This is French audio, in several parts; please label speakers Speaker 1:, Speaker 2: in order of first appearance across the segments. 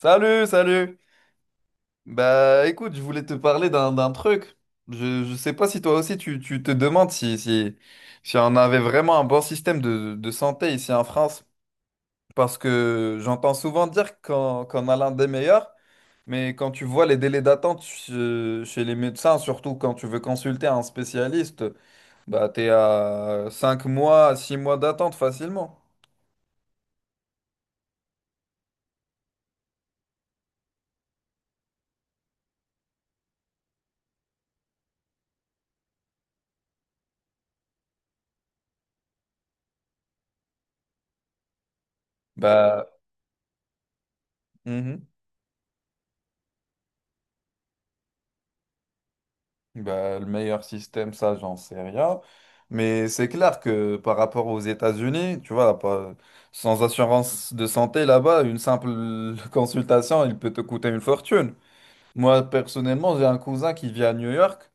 Speaker 1: Salut, salut. Bah écoute, je voulais te parler d'un truc. Je sais pas si toi aussi tu te demandes si on avait vraiment un bon système de santé ici en France. Parce que j'entends souvent dire qu'on a l'un des meilleurs, mais quand tu vois les délais d'attente chez les médecins, surtout quand tu veux consulter un spécialiste, bah t'es à 5 mois, 6 mois d'attente facilement. Bah. Mhm. Bah, le meilleur système, ça, j'en sais rien. Mais c'est clair que par rapport aux États-Unis, tu vois, sans assurance de santé là-bas, une simple consultation, il peut te coûter une fortune. Moi, personnellement, j'ai un cousin qui vit à New York.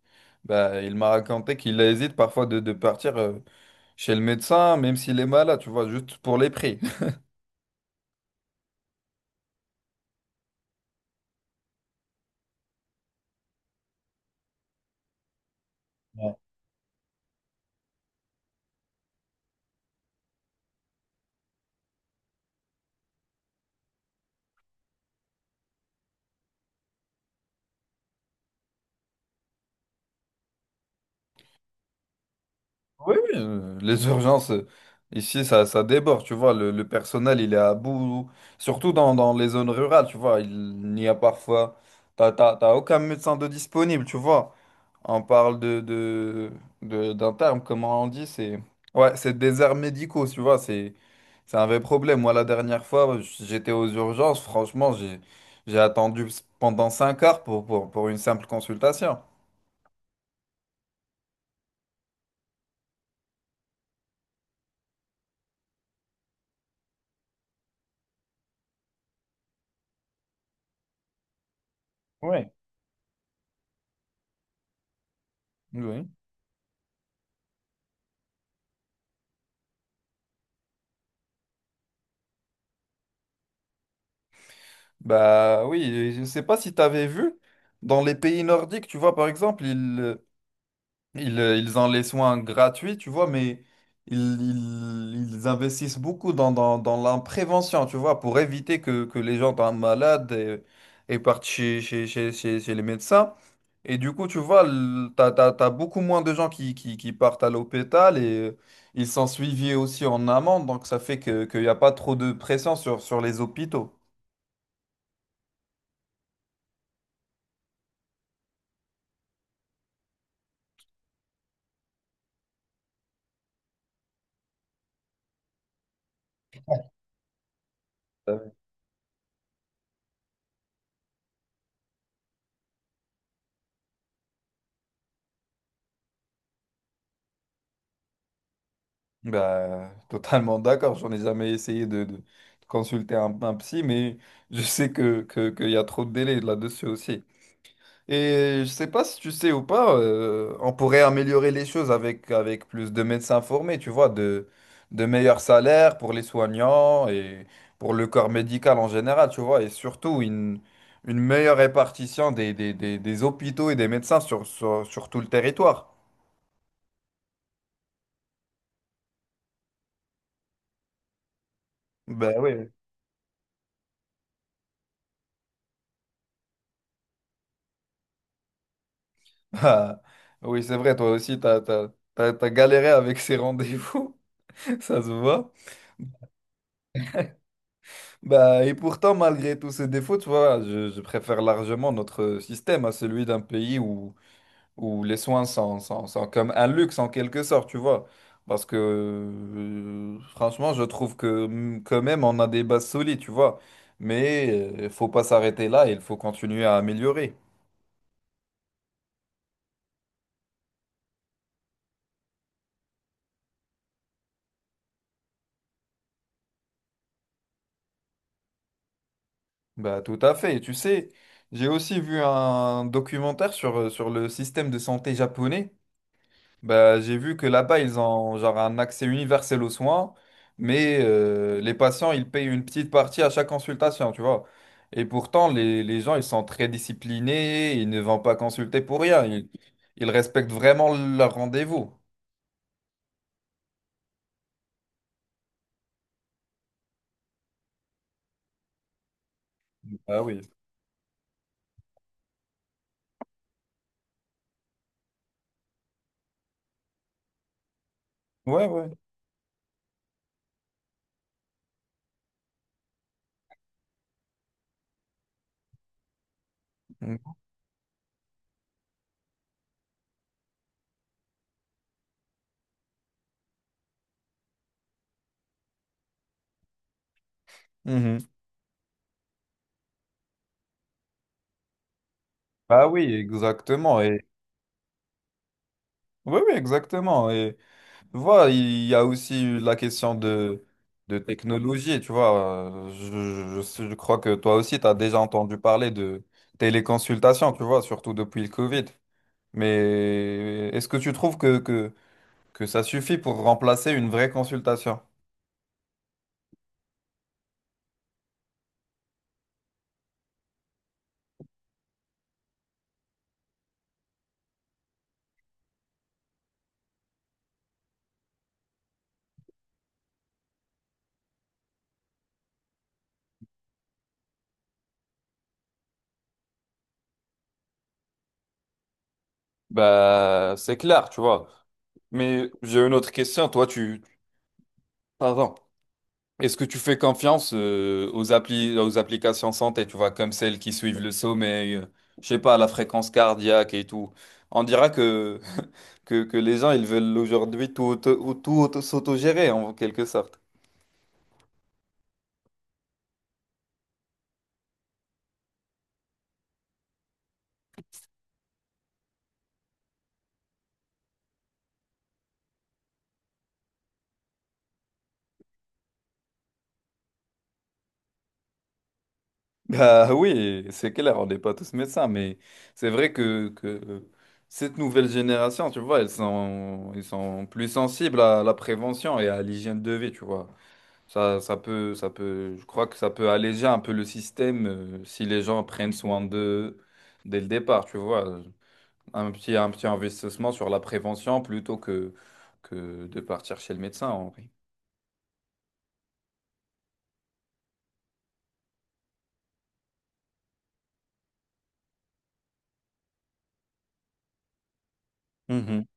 Speaker 1: Bah, il m'a raconté qu'il hésite parfois de partir chez le médecin, même s'il est malade, tu vois, juste pour les prix. Oui, oui, les urgences, ici, ça déborde, tu vois, le personnel, il est à bout, surtout dans les zones rurales, tu vois, il n'y a parfois, t'as aucun médecin de disponible, tu vois, on parle d'un terme, comment on dit, c'est, ouais, c'est déserts médicaux, tu vois, c'est un vrai problème. Moi, la dernière fois, j'étais aux urgences, franchement, j'ai attendu pendant 5 heures pour une simple consultation. Ouais. Oui. Bah oui, je sais pas si tu avais vu, dans les pays nordiques, tu vois, par exemple, ils ont les soins gratuits, tu vois, mais ils investissent beaucoup dans la prévention, tu vois, pour éviter que les gens tombent malades et partent chez les médecins. Et du coup, tu vois, t'as beaucoup moins de gens qui partent à l'hôpital et ils sont suivis aussi en amont, donc ça fait qu'il n'y a pas trop de pression sur les hôpitaux. Bah, totalement d'accord. J'en ai jamais essayé de consulter un psy, mais je sais qu'il y a trop de délais là-dessus aussi. Et je sais pas si tu sais ou pas, on pourrait améliorer les choses avec plus de médecins formés, tu vois, de meilleurs salaires pour les soignants et pour le corps médical en général, tu vois, et surtout une meilleure répartition des hôpitaux et des médecins sur tout le territoire. Ben oui. Ah, oui, c'est vrai, toi aussi, t'as galéré avec ces rendez-vous, ça se voit. Bah, et pourtant, malgré tous ces défauts, tu vois, je préfère largement notre système à celui d'un pays où les soins sont comme un luxe en quelque sorte, tu vois. Parce que, franchement, je trouve que quand même, on a des bases solides, tu vois. Mais il faut pas s'arrêter là, il faut continuer à améliorer. Bah, tout à fait. Et tu sais, j'ai aussi vu un documentaire sur le système de santé japonais. Bah, j'ai vu que là-bas, ils ont genre un accès universel aux soins, mais les patients, ils payent une petite partie à chaque consultation, tu vois. Et pourtant, les gens, ils sont très disciplinés, ils ne vont pas consulter pour rien. Ils respectent vraiment leur rendez-vous. Ah oui. Ouais, ouais. Mhm. Mhm. Ah oui, exactement. Et… Oui, oui, exactement. Voilà, il y a aussi la question de technologie, tu vois. Je crois que toi aussi, tu as déjà entendu parler de téléconsultation, tu vois, surtout depuis le Covid. Mais est-ce que tu trouves que ça suffit pour remplacer une vraie consultation? Bah, c'est clair, tu vois. Mais j'ai une autre question. Toi, tu… Pardon. Est-ce que tu fais confiance aux applications santé, tu vois, comme celles qui suivent le sommeil, je sais pas, la fréquence cardiaque et tout. On dira que, que les gens, ils veulent aujourd'hui tout, s'autogérer en quelque sorte. Bah oui, c'est clair, on n'est pas tous médecins, mais c'est vrai que cette nouvelle génération, tu vois, ils sont plus sensibles à la prévention et à l'hygiène de vie, tu vois. Ça peut, je crois que ça peut alléger un peu le système si les gens prennent soin d'eux dès le départ, tu vois. Un petit investissement sur la prévention plutôt que de partir chez le médecin, en vrai. Mhm.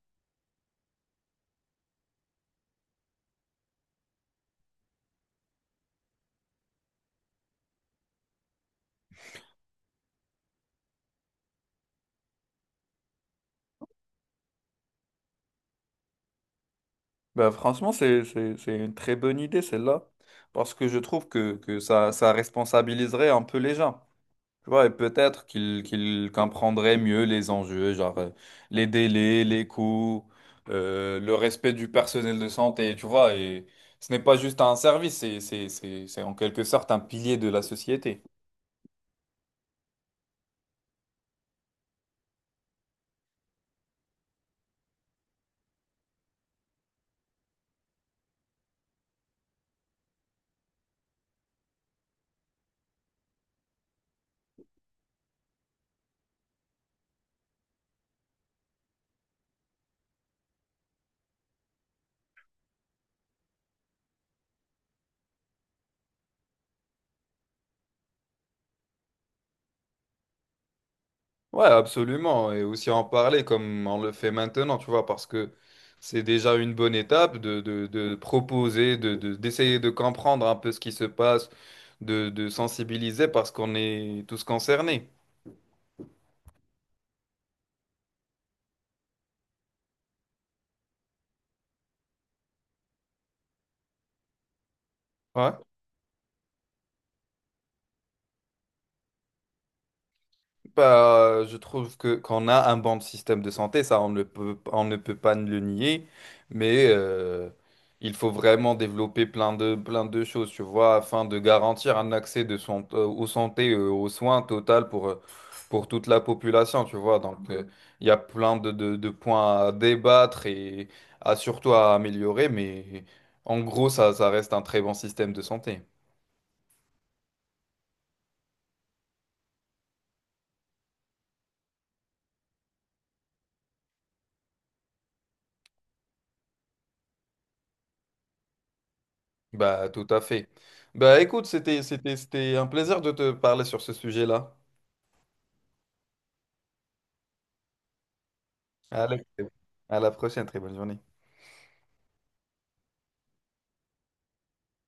Speaker 1: Bah, franchement, c'est une très bonne idée, celle-là, parce que je trouve que ça, ça responsabiliserait un peu les gens. Tu vois, et peut-être qu'il comprendrait mieux les enjeux, genre les délais, les coûts, le respect du personnel de santé, tu vois. Et ce n'est pas juste un service, c'est en quelque sorte un pilier de la société. Ouais, absolument. Et aussi en parler comme on le fait maintenant, tu vois, parce que c'est déjà une bonne étape de proposer, d'essayer de comprendre un peu ce qui se passe, de sensibiliser parce qu'on est tous concernés. Ouais. Bah, je trouve que qu'on a un bon système de santé, ça on ne peut pas le nier, mais il faut vraiment développer plein de choses, tu vois, afin de garantir un accès de son, aux santé, aux soins total pour toute la population, tu vois. Donc, il y a plein de points à débattre et à améliorer, mais en gros, ça reste un très bon système de santé. Bah, tout à fait. Bah, écoute, c'était un plaisir de te parler sur ce sujet-là. Allez, à la prochaine, très bonne journée.